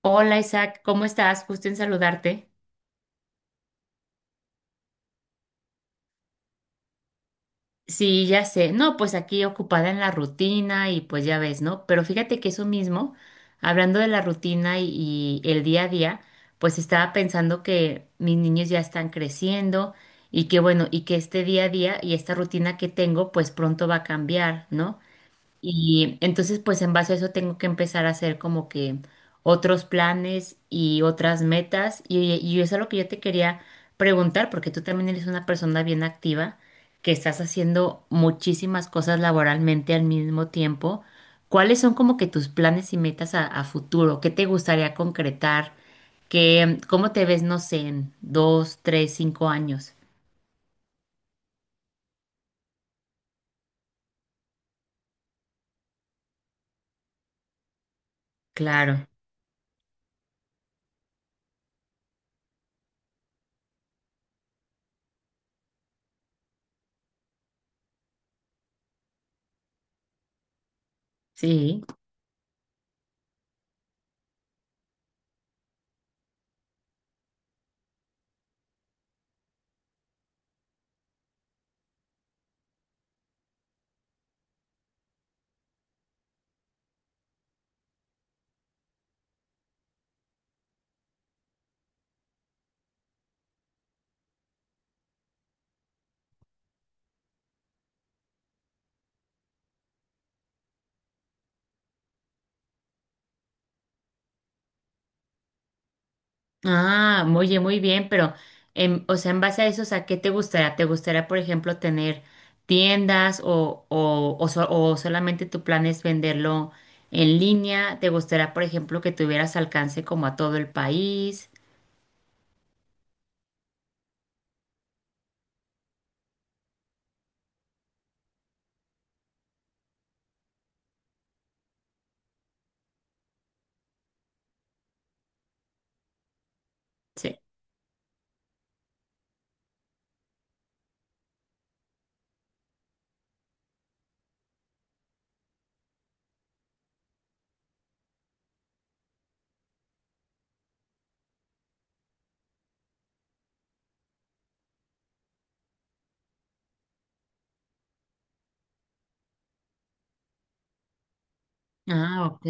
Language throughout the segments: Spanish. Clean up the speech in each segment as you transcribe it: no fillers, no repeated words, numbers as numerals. Hola Isaac, ¿cómo estás? Gusto en saludarte. Sí, ya sé. No, pues aquí ocupada en la rutina y pues ya ves, ¿no? Pero fíjate que eso mismo, hablando de la rutina y el día a día, pues estaba pensando que mis niños ya están creciendo y que bueno, y que este día a día y esta rutina que tengo, pues pronto va a cambiar, ¿no? Y entonces, pues en base a eso tengo que empezar a hacer como que otros planes y otras metas. Y eso es lo que yo te quería preguntar, porque tú también eres una persona bien activa, que estás haciendo muchísimas cosas laboralmente al mismo tiempo. ¿Cuáles son como que tus planes y metas a futuro? ¿Qué te gustaría concretar? ¿Qué, cómo te ves, no sé, en dos, tres, cinco años? Claro, sí. Ah, oye, muy bien, pero, en, o sea, en base a eso, o sea, ¿qué te gustaría? ¿Te gustaría, por ejemplo, tener tiendas o o solamente tu plan es venderlo en línea? ¿Te gustaría, por ejemplo, que tuvieras alcance como a todo el país? Sí. Ah, ok.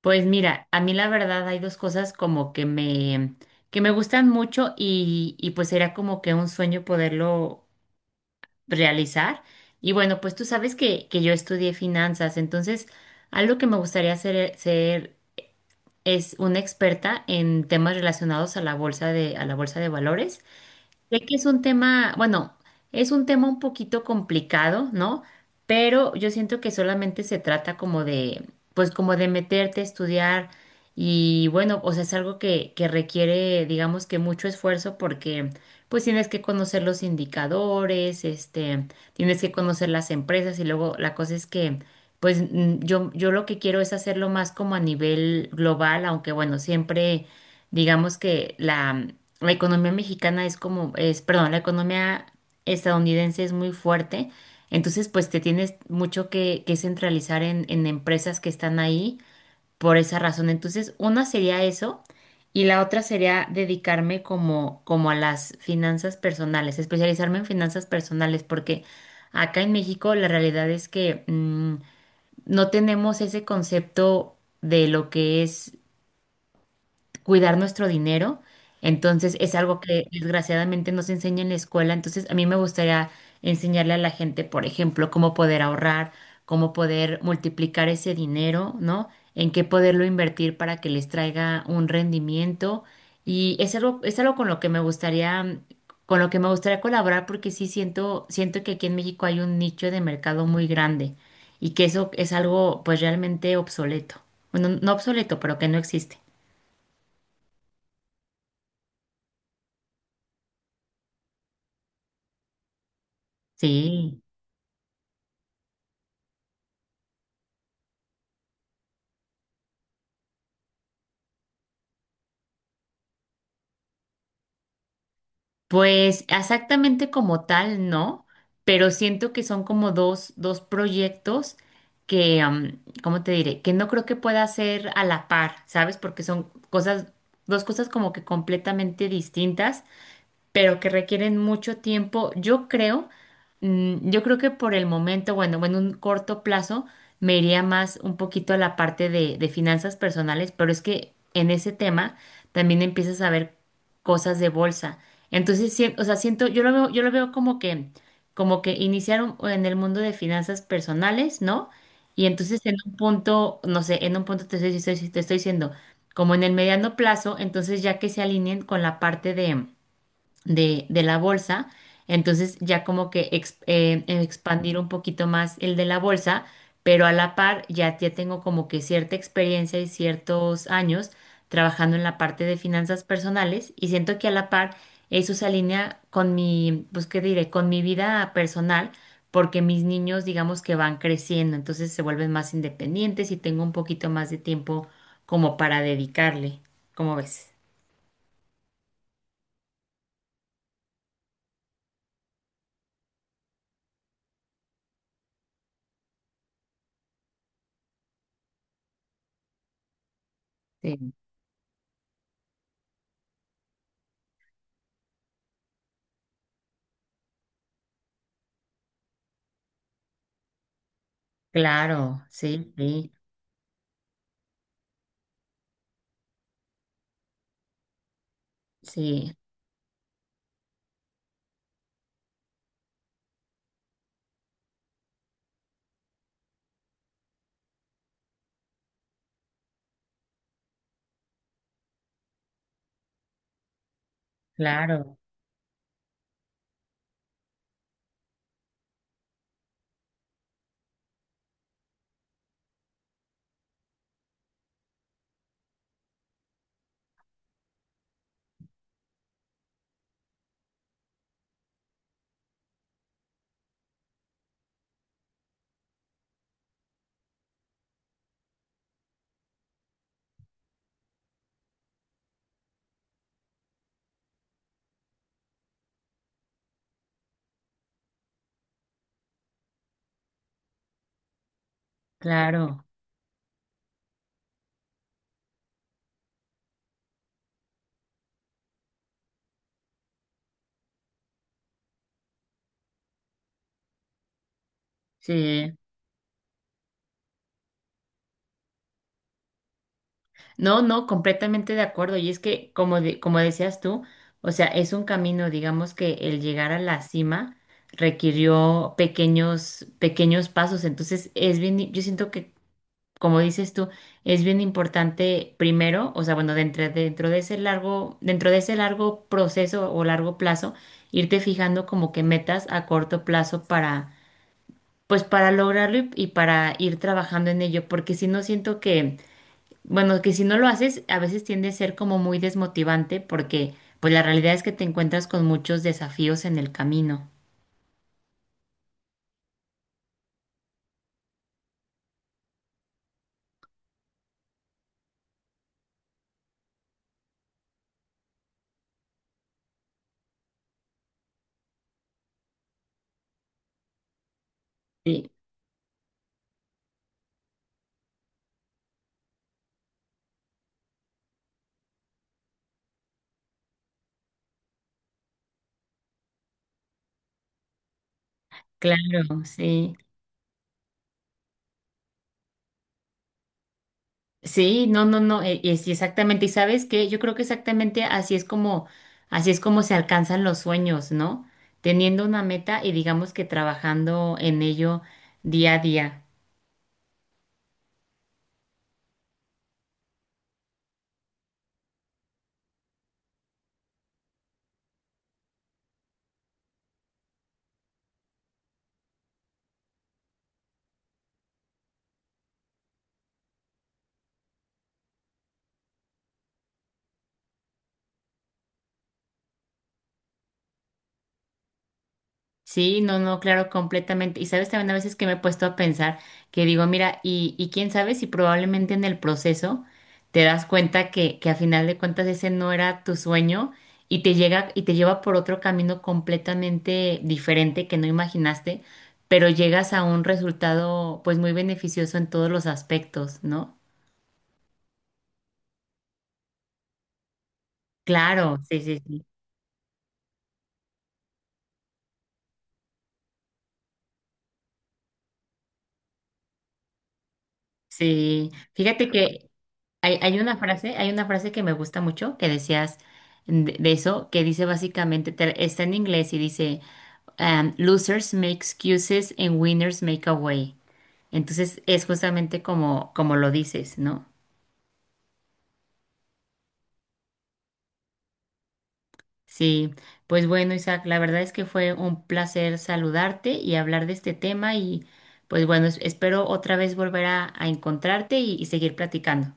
Pues mira, a mí la verdad hay dos cosas como que que me gustan mucho y pues era como que un sueño poderlo realizar. Y bueno, pues tú sabes que yo estudié finanzas, entonces algo que me gustaría hacer, ser es una experta en temas relacionados a la bolsa de, a la bolsa de valores. Sé que es un tema, bueno, es un tema un poquito complicado, ¿no? Pero yo siento que solamente se trata como de, pues como de meterte a estudiar y bueno, o sea, es algo que requiere, digamos que mucho esfuerzo porque pues tienes que conocer los indicadores, este, tienes que conocer las empresas y luego la cosa es que, pues yo lo que quiero es hacerlo más como a nivel global, aunque bueno, siempre digamos que la economía mexicana es como, es, perdón, la economía estadounidense es muy fuerte, entonces pues te tienes mucho que centralizar en empresas que están ahí por esa razón. Entonces, una sería eso y la otra sería dedicarme como, como a las finanzas personales, especializarme en finanzas personales, porque acá en México la realidad es que no tenemos ese concepto de lo que es cuidar nuestro dinero. Entonces es algo que desgraciadamente no se enseña en la escuela. Entonces a mí me gustaría enseñarle a la gente, por ejemplo, cómo poder ahorrar, cómo poder multiplicar ese dinero, ¿no? En qué poderlo invertir para que les traiga un rendimiento. Y es algo con lo que me gustaría, con lo que me gustaría colaborar porque sí siento, siento que aquí en México hay un nicho de mercado muy grande y que eso es algo pues realmente obsoleto. Bueno, no obsoleto, pero que no existe. Sí. Pues exactamente como tal, no, pero siento que son como dos, dos proyectos que, ¿cómo te diré? Que no creo que pueda ser a la par, ¿sabes? Porque son cosas, dos cosas como que completamente distintas pero que requieren mucho tiempo. Yo creo, yo creo que por el momento, bueno, en un corto plazo, me iría más un poquito a la parte de finanzas personales, pero es que en ese tema también empiezas a ver cosas de bolsa. Entonces, sí, o sea, siento, yo lo veo como que iniciaron en el mundo de finanzas personales, ¿no? Y entonces en un punto, no sé, en un punto te estoy, te estoy diciendo, como en el mediano plazo, entonces ya que se alineen con la parte de la bolsa. Entonces ya como que expandir un poquito más el de la bolsa, pero a la par ya tengo como que cierta experiencia y ciertos años trabajando en la parte de finanzas personales y siento que a la par eso se alinea con mi, pues qué diré, con mi vida personal. Porque mis niños digamos que van creciendo, entonces se vuelven más independientes y tengo un poquito más de tiempo como para dedicarle, ¿cómo ves? Sí. Claro, sí, sí. Sí, claro, claro, sí. No, no, completamente de acuerdo. Y es que, como, como decías tú, o sea, es un camino, digamos que el llegar a la cima requirió pequeños, pequeños pasos. Entonces, es bien, yo siento que, como dices tú, es bien importante primero, o sea, bueno, dentro de ese largo, dentro de ese largo proceso o largo plazo, irte fijando como que metas a corto plazo para pues para lograrlo y para ir trabajando en ello, porque si no siento que, bueno, que si no lo haces, a veces tiende a ser como muy desmotivante, porque pues la realidad es que te encuentras con muchos desafíos en el camino. Sí, claro, sí. Sí, no, no, no, es exactamente. Y sabes que yo creo que exactamente así es como se alcanzan los sueños, ¿no? Teniendo una meta y digamos que trabajando en ello día a día. Sí, no, no, claro, completamente. Y sabes también a veces que me he puesto a pensar que digo, mira, y quién sabe si probablemente en el proceso te das cuenta que a final de cuentas ese no era tu sueño y te llega y te lleva por otro camino completamente diferente que no imaginaste, pero llegas a un resultado pues muy beneficioso en todos los aspectos, ¿no? Claro, sí, sí, sí. Sí, fíjate que hay, hay una frase que me gusta mucho que decías de eso, que dice básicamente, está en inglés y dice, losers make excuses and winners make a way. Entonces es justamente como, como lo dices, ¿no? Sí, pues bueno, Isaac, la verdad es que fue un placer saludarte y hablar de este tema y pues bueno, espero otra vez volver a encontrarte y seguir platicando.